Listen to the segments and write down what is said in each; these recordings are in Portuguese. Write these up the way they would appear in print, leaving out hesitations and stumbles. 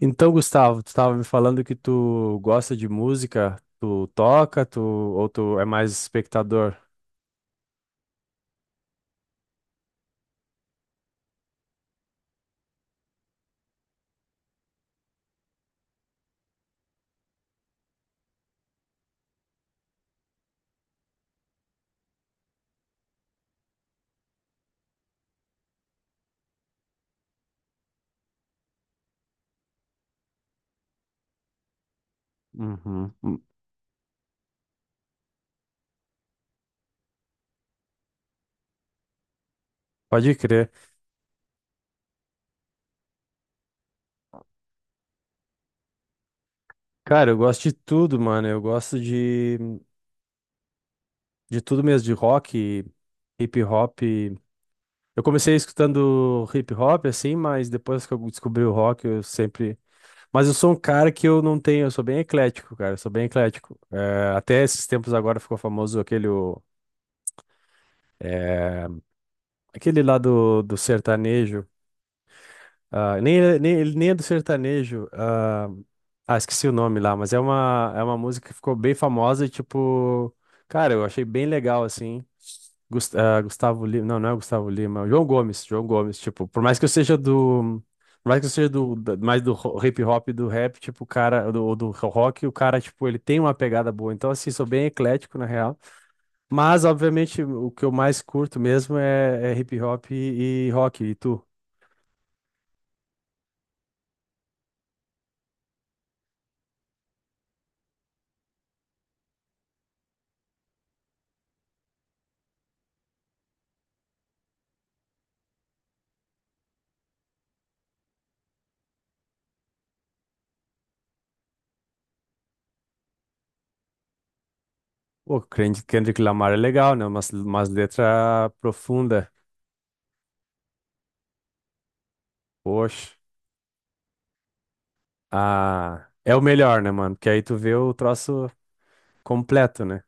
Então, Gustavo, tu estava me falando que tu gosta de música, tu toca, tu ou tu é mais espectador? Uhum. Pode crer. Cara, eu gosto de tudo, mano. De tudo mesmo, de rock, hip hop. Eu comecei escutando hip hop assim, mas depois que eu descobri o rock, eu sempre. Mas eu sou um cara que eu não tenho, eu sou bem eclético, cara. Eu sou bem eclético. É, até esses tempos agora ficou famoso aquele. É, aquele lá do sertanejo. Ah, nem, nem, ele nem é do sertanejo. Ah, ah, esqueci o nome lá, mas é é uma música que ficou bem famosa e, tipo, cara, eu achei bem legal, assim. Ah, Gustavo Lima, não, não é Gustavo Lima, é o João Gomes, João Gomes, tipo, por mais que eu seja do, da- mais do ro- hip hop e do rap, tipo, o cara, do rock, o cara, tipo, ele tem uma pegada boa, então, assim, sou bem eclético, na real, mas, obviamente, o que eu mais curto mesmo é hip hop e rock, e tu? O Kendrick Lamar é legal, né? Umas letras profundas. Poxa. Ah, é o melhor, né, mano? Porque aí tu vê o troço completo, né?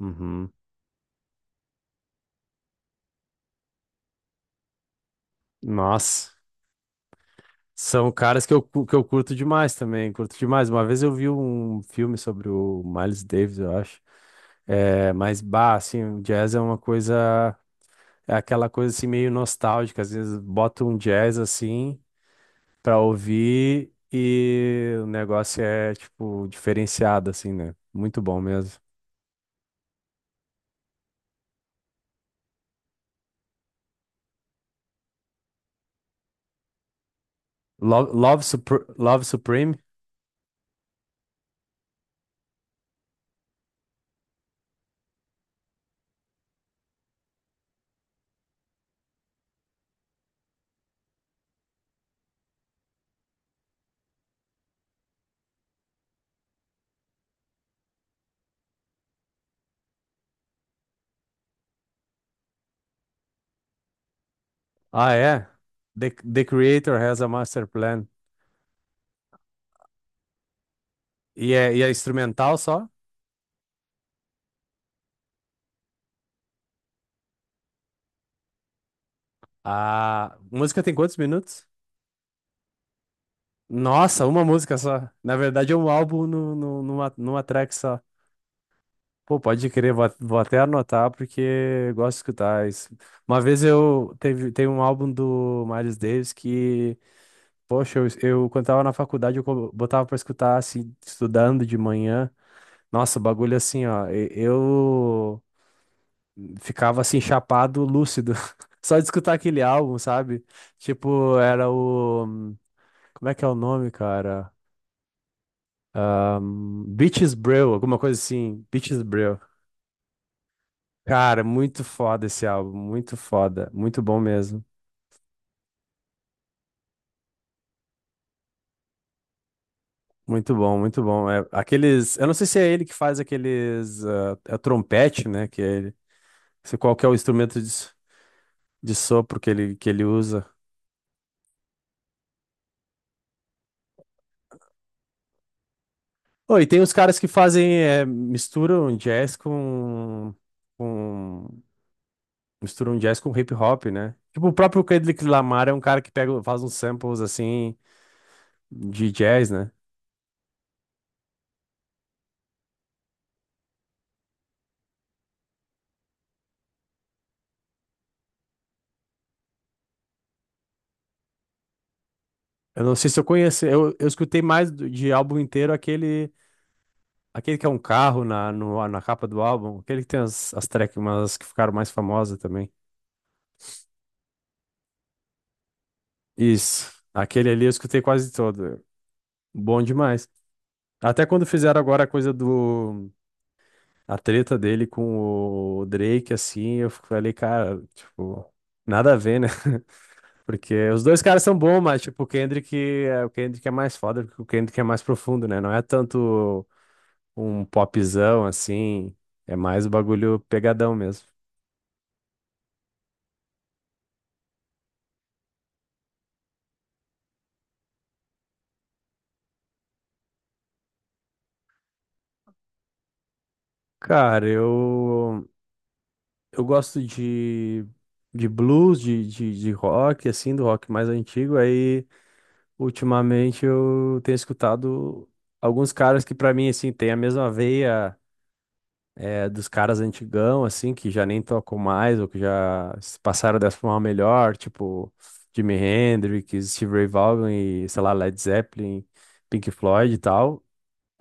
Uhum. Nossa. São caras que que eu curto demais também. Curto demais. Uma vez eu vi um filme sobre o Miles Davis, eu acho. É, mas, bah, assim, o jazz é uma coisa. É aquela coisa assim meio nostálgica. Às vezes bota um jazz assim pra ouvir e o negócio é, tipo, diferenciado, assim, né? Muito bom mesmo. Love Love Supreme? Ah, é? The, The Creator Has a Master Plan. E é instrumental só? A música tem quantos minutos? Nossa, uma música só. Na verdade, é um álbum no, no, numa, numa track só. Pô, pode crer, vou, vou até anotar porque eu gosto de escutar isso. Uma vez eu teve, tem um álbum do Miles Davis que Poxa, eu quando tava na faculdade, botava pra escutar, assim, estudando de manhã. Nossa, o bagulho assim, ó, eu ficava assim, chapado, lúcido. Só de escutar aquele álbum, sabe? Tipo, era o. Como é que é o nome, cara? Um, Beaches Brew, alguma coisa assim. Beaches Brew. Cara, muito foda esse álbum, muito foda, muito bom mesmo. Muito bom, muito bom. É, aqueles, eu não sei se é ele que faz aqueles, ah, é o trompete, né? Que é ele Se qual que é o instrumento de de sopro que ele usa. Oh, e tem os caras que fazem, é, com, misturam jazz com hip hop, né? Tipo, o próprio Kendrick Lamar é um cara que pega, faz uns samples, assim, de jazz, né? Eu não sei se eu conheço, eu escutei mais de álbum inteiro aquele, aquele que é um carro na, no, na capa do álbum, aquele que tem as tracks, umas que ficaram mais famosas também. Isso, aquele ali eu escutei quase todo. Bom demais. Até quando fizeram agora a coisa do. A treta dele com o Drake, assim, eu falei, cara, tipo, nada a ver, né? Porque os dois caras são bons, mas, tipo, o Kendrick é mais foda, porque o Kendrick é mais profundo, né? Não é tanto um popzão, assim, é mais o bagulho pegadão mesmo. Cara, eu. Eu gosto de. De blues, de rock, assim, do rock mais antigo, aí. Ultimamente eu tenho escutado alguns caras que pra mim assim tem a mesma veia eh, dos caras antigão assim que já nem tocam mais ou que já se passaram dessa forma melhor, tipo Jimi Hendrix, Steve Ray Vaughan e sei lá Led Zeppelin, Pink Floyd e tal.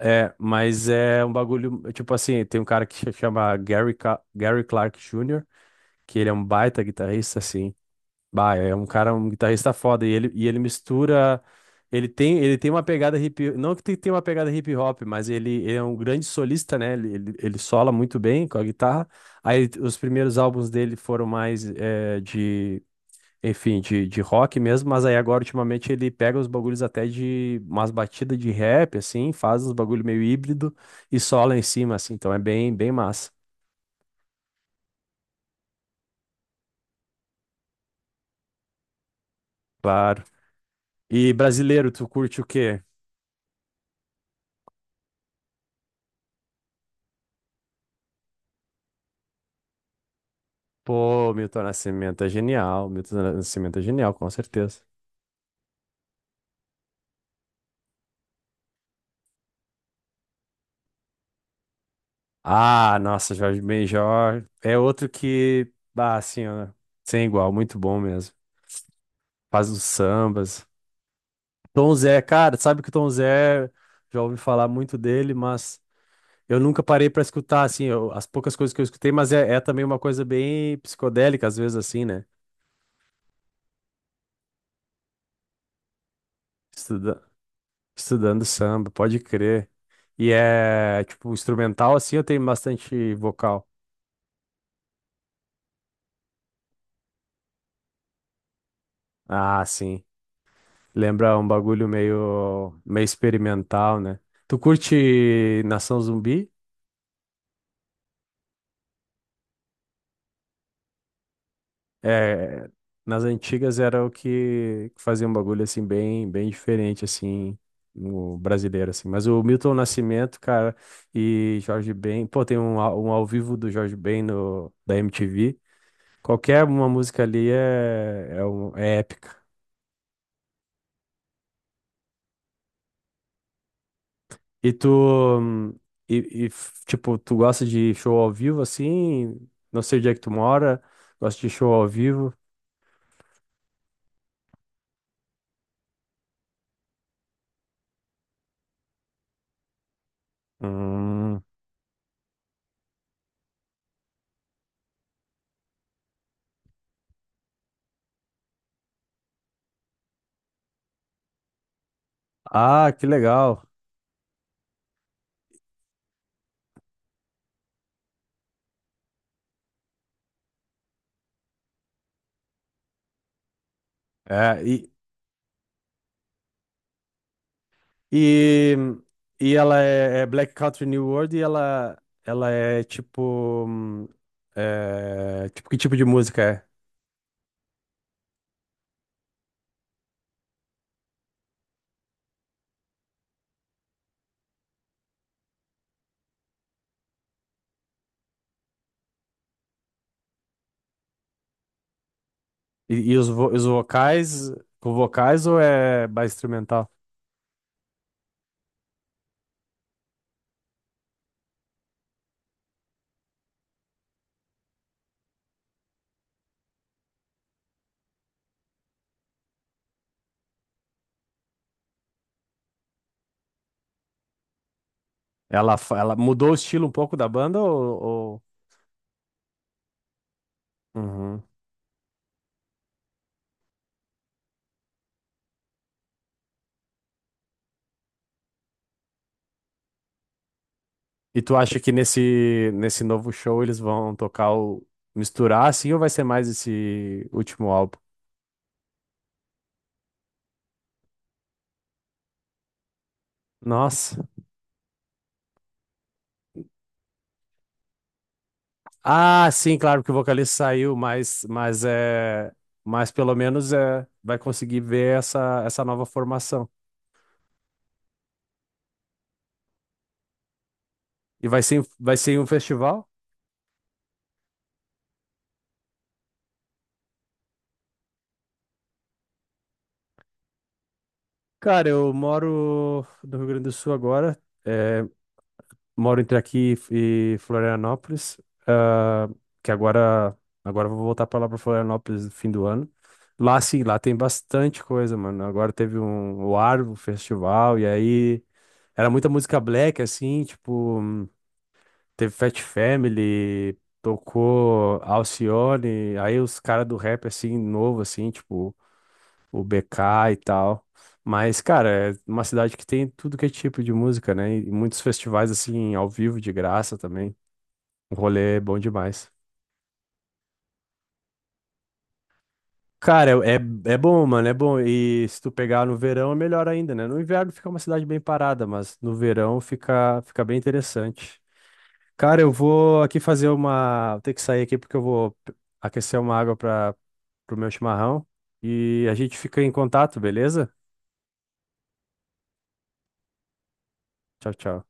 É, mas é um bagulho, tipo assim, tem um cara que se chama Gary, Gary Clark Jr., que ele é um baita guitarrista, assim, bah, é um cara, um guitarrista foda. E ele mistura. Ele tem uma pegada hip. Não que tem tem uma pegada hip hop, mas ele é um grande solista, né? Ele sola muito bem com a guitarra. Aí os primeiros álbuns dele foram mais eh, de. Enfim, de rock mesmo, mas aí agora ultimamente ele pega os bagulhos até de umas batidas de rap, assim, faz uns bagulho meio híbrido e sola em cima, assim, então é bem, bem massa. Claro. E brasileiro, tu curte o quê? Pô, Milton Nascimento é genial. Milton Nascimento é genial, com certeza. Ah, nossa, Jorge Benjor é outro que, ah, assim, ó, sem igual, muito bom mesmo. Faz os sambas. Tom Zé, cara, sabe que o Tom Zé, já ouvi falar muito dele, mas eu nunca parei pra escutar, assim, as poucas coisas que eu escutei, mas é também uma coisa bem psicodélica, às vezes, assim, né? Estuda- estudando samba, pode crer. E é, tipo, instrumental, assim, eu tenho bastante vocal. Ah, sim. Lembra um bagulho meio, meio experimental, né? Tu curte Nação Zumbi? É, nas antigas era o que que fazia um bagulho assim bem, bem diferente assim no brasileiro assim. Mas o Milton Nascimento, cara, e Jorge Ben, pô, tem um um ao vivo do Jorge Ben no da MTV. Qualquer uma música ali é épica. E tu, hum, e, e, tipo, tu gosta de show ao vivo assim? Não sei onde é que tu mora, gosta de show ao vivo. Hum. Ah, que legal. E, e, e ela é, é Black Country New World e ela é, tipo, que tipo de música é? E os vocais, com vocais ou é mais instrumental? Ela, ela mudou o estilo um pouco da banda ou- Uhum. E tu acha que nesse novo show eles vão tocar o misturar assim ou vai ser mais esse último álbum? Nossa. Ah, sim, claro que o vocalista saiu, mas é. Mas pelo menos é, vai conseguir ver essa, essa nova formação. E vai ser em um festival? Cara, eu moro no Rio Grande do Sul agora. Moro entre aqui e Florianópolis, ah, que agora agora eu vou voltar para lá para Florianópolis no fim do ano. Lá sim, lá tem bastante coisa, mano. Agora teve um o Arvo Festival e aí era muita música black assim, tipo, teve Fat Family, tocou Alcione, aí os caras do rap assim novo assim, tipo, o BK e tal. Mas, cara, é uma cidade que tem tudo que é tipo de música, né? E muitos festivais, assim, ao vivo, de graça também. O rolê é bom demais. Cara, é, é é bom, mano, é bom. E se tu pegar no verão é melhor ainda, né? No inverno fica uma cidade bem parada, mas no verão fica, fica bem interessante. Cara, eu vou aqui fazer uma. Vou ter que sair aqui porque eu vou aquecer uma água para pro meu chimarrão. E a gente fica em contato, beleza? Tchau, tchau.